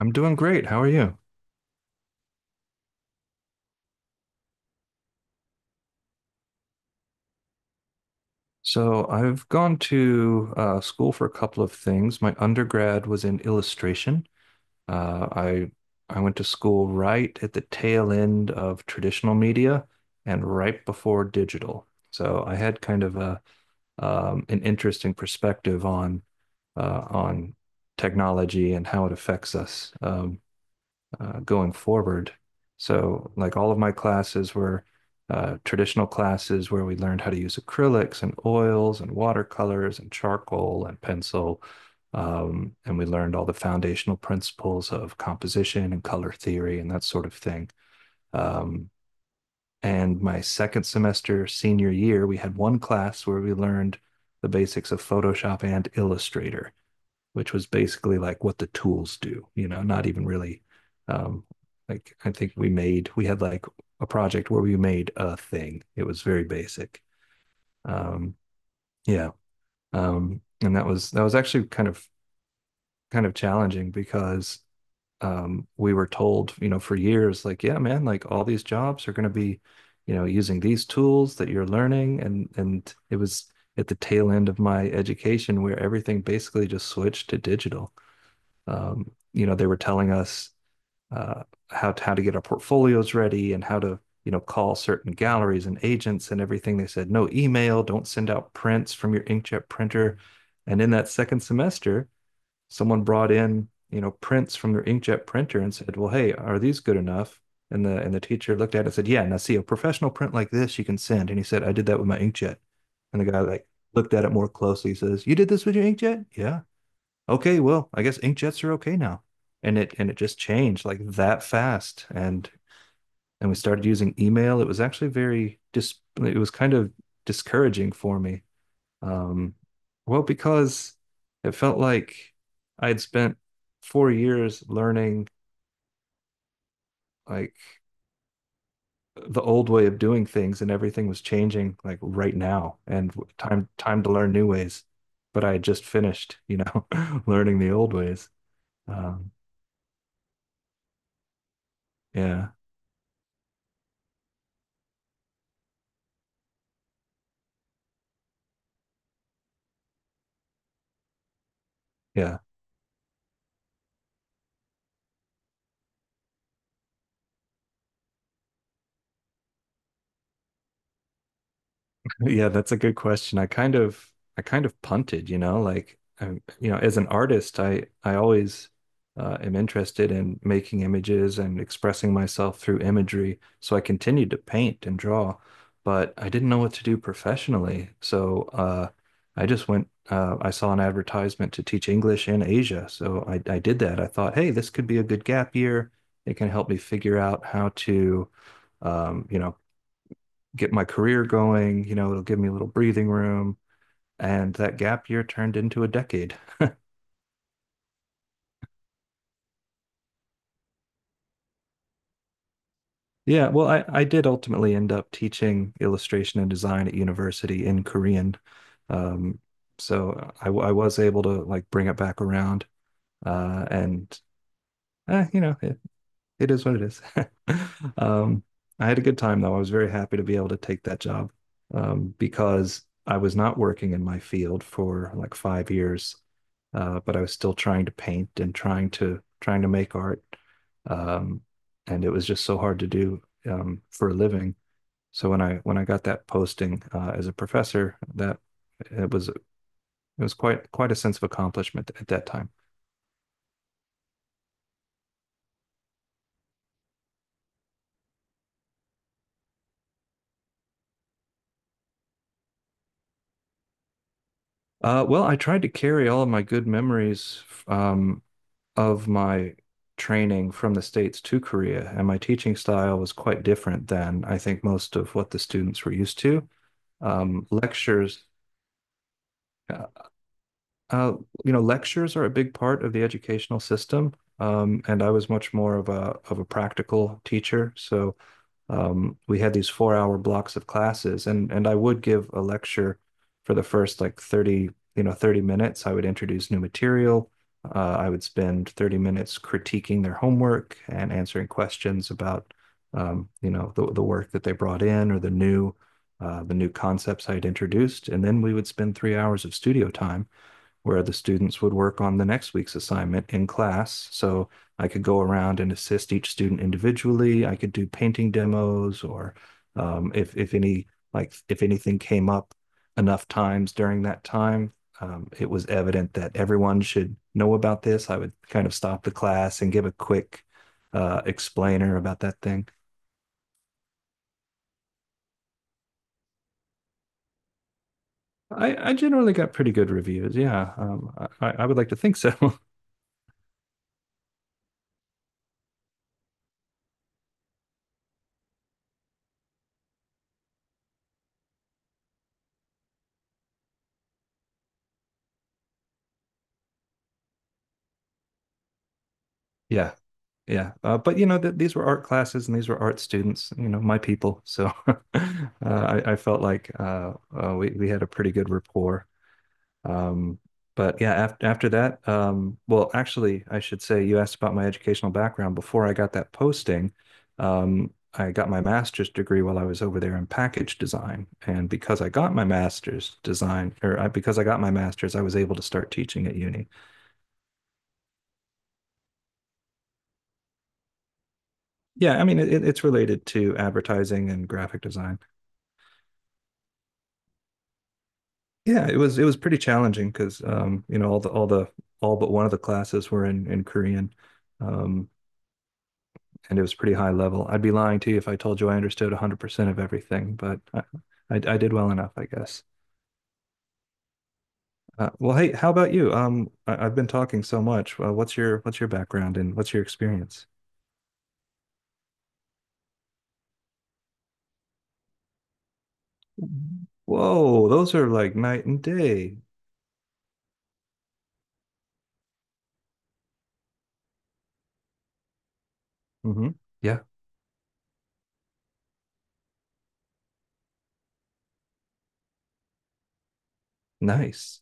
I'm doing great. How are you? So I've gone to school for a couple of things. My undergrad was in illustration. Uh, I I went to school right at the tail end of traditional media and right before digital. So I had kind of a an interesting perspective on technology and how it affects us. Going forward. So, like, all of my classes were traditional classes where we learned how to use acrylics and oils and watercolors and charcoal and pencil. And we learned all the foundational principles of composition and color theory and that sort of thing. Um, and my second semester, senior year, we had one class where we learned the basics of Photoshop and Illustrator, which was basically like what the tools do, not even really um like, I think we had like a project where we made a thing. It was very basic. Um yeah. And that was actually kind of challenging, because we were told, for years, like, yeah man, like all these jobs are going to be, using these tools that you're learning, and it was at the tail end of my education where everything basically just switched to digital. They were telling us uh, how to get our portfolios ready, and how to call certain galleries and agents and everything. They said no email, don't send out prints from your inkjet printer. And in that second semester, someone brought in prints from their inkjet printer and said, well, hey, are these good enough? And the teacher looked at it and said, yeah. Now see, a professional print like this you can send. And he said, I did that with my inkjet. And the guy, like, looked at it more closely. He says, you did this with your inkjet? Yeah, okay, well, I guess inkjets are okay now. And it just changed like that fast. And we started using email. It was actually very dis it was kind of discouraging for me. Um, well, because it felt like I had spent 4 years learning, like, the old way of doing things, and everything was changing like right now, and time to learn new ways. But I had just finished, learning the old ways. Um, yeah, yeah. Yeah, that's a good question. I kind of punted, like as an artist, I always am interested in making images and expressing myself through imagery. So I continued to paint and draw, but I didn't know what to do professionally. So I just went. I saw an advertisement to teach English in Asia, so I did that. I thought, hey, this could be a good gap year. It can help me figure out how to um, you know, get my career going. It'll give me a little breathing room. And that gap year turned into a decade. Yeah, well, I did ultimately end up teaching illustration and design at university in Korean. Um, so I was able to, like, bring it back around. And, eh, you know, It is what it is. Um, I had a good time though. I was very happy to be able to take that job, because I was not working in my field for like 5 years, but I was still trying to paint and trying to make art, um, and it was just so hard to do, for a living. So when I got that posting as a professor, that it was quite a sense of accomplishment at that time. Well, I tried to carry all of my good memories um, of my training from the States to Korea, and my teaching style was quite different than I think most of what the students were used to. Um, lectures, uh, uh, lectures are a big part of the educational system, and I was much more of a practical teacher. So we had these 4-hour blocks of classes, and I would give a lecture for the first, like, 30, 30 minutes. I would introduce new material. I would spend 30 minutes critiquing their homework and answering questions about the work that they brought in, or the new concepts I had introduced. And then we would spend 3 hours of studio time, where the students would work on the next week's assignment in class. So I could go around and assist each student individually. I could do painting demos, or if any like, if anything came up enough times during that time, it was evident that everyone should know about this, I would kind of stop the class and give a quick explainer about that thing. I generally got pretty good reviews. Yeah, I would like to think so. Yeah, yeah. But you know that these were art classes, and these were art students, my people. So I felt like we had a pretty good rapport. Um, but yeah, after that, well, actually, I should say, you asked about my educational background. Before I got that posting, I got my master's degree while I was over there in package design. And because I got my master's, I was able to start teaching at uni. Yeah, I mean, it's related to advertising and graphic design. Yeah, it was pretty challenging, because all but one of the classes were in Korean, um, and it was pretty high level. I'd be lying to you if I told you I understood 100% of everything, but I did well enough, I guess. Well, hey, how about you? I've been talking so much. What's your background, and what's your experience? Whoa, those are like night and day. Hmm. Yeah, nice.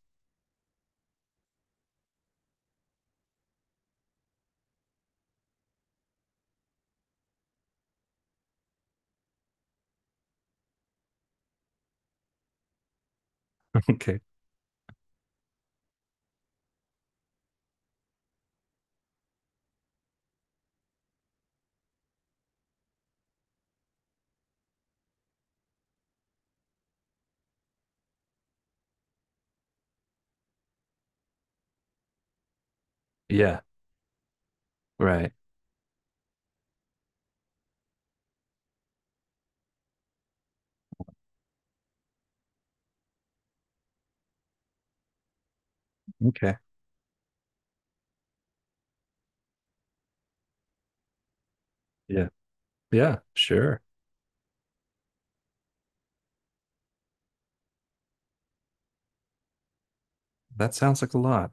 Okay. Yeah, right. Okay. Yeah, yeah, sure. That sounds like a lot.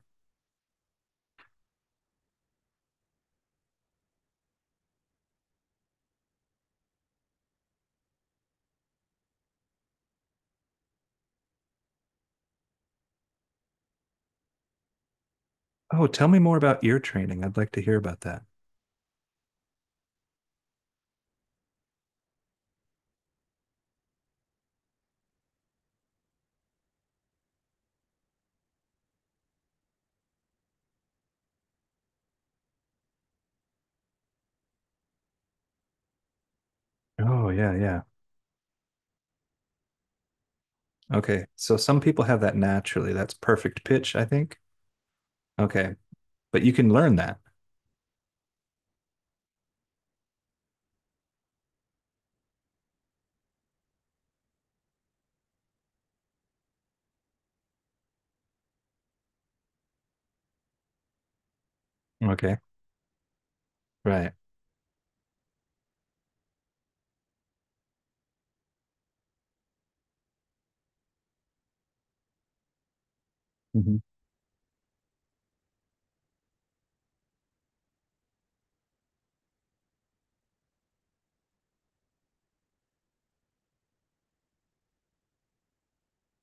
Oh, tell me more about ear training. I'd like to hear about that. Oh, yeah, yeah. Okay. So some people have that naturally. That's perfect pitch, I think. Okay. But you can learn that. Okay. Right. Mhm.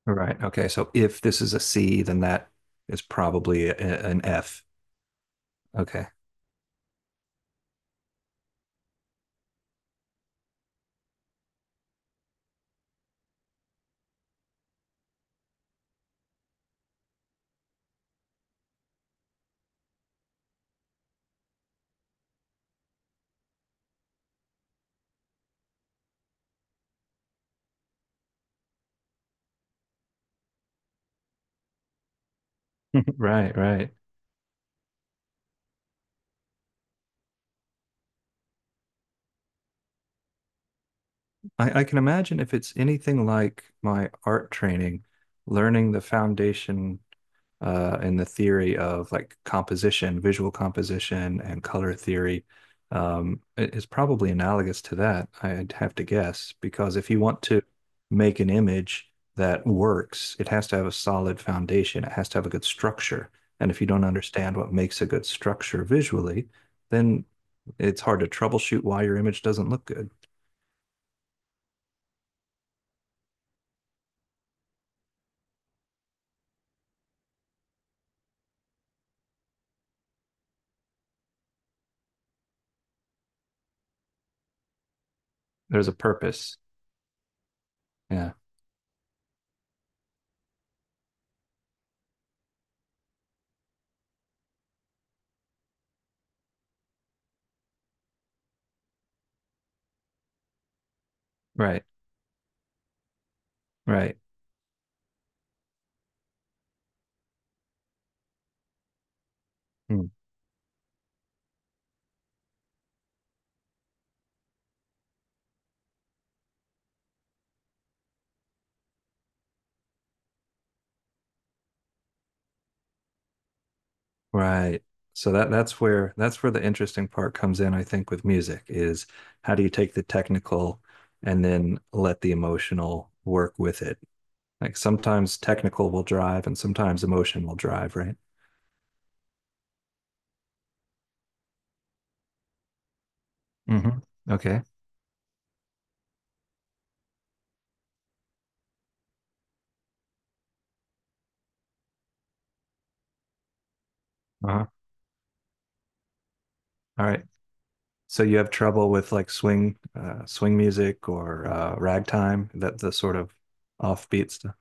Right. Okay. So if this is a C, then that is probably an F. Okay. Right, right. I can imagine, if it's anything like my art training, learning the foundation, in the theory of, like, composition, visual composition, and color theory, it's probably analogous to that, I'd have to guess, because if you want to make an image that works, it has to have a solid foundation, it has to have a good structure. And if you don't understand what makes a good structure visually, then it's hard to troubleshoot why your image doesn't look good. There's a purpose. Yeah. Right. Right. Hmm. Right. So that's where the interesting part comes in, I think, with music is, how do you take the technical and then let the emotional work with it? Like, sometimes technical will drive and sometimes emotion will drive, right? Mm-hmm. Okay. Uh-huh. All right. So you have trouble with, like, swing music, or ragtime, that the sort of offbeat stuff.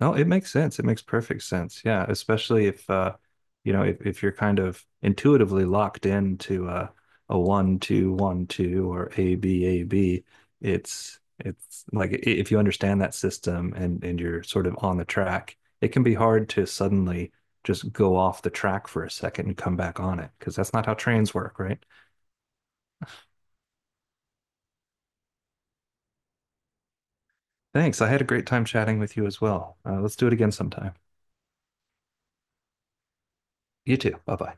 No, it makes sense. It makes perfect sense. Yeah, especially if you're kind of intuitively locked into a one, two, one, two, or A, B, A, B, it's like, if you understand that system, and you're sort of on the track, it can be hard to suddenly just go off the track for a second and come back on it, because that's not how trains work, right? Thanks. I had a great time chatting with you as well. Let's do it again sometime. You too. Bye bye.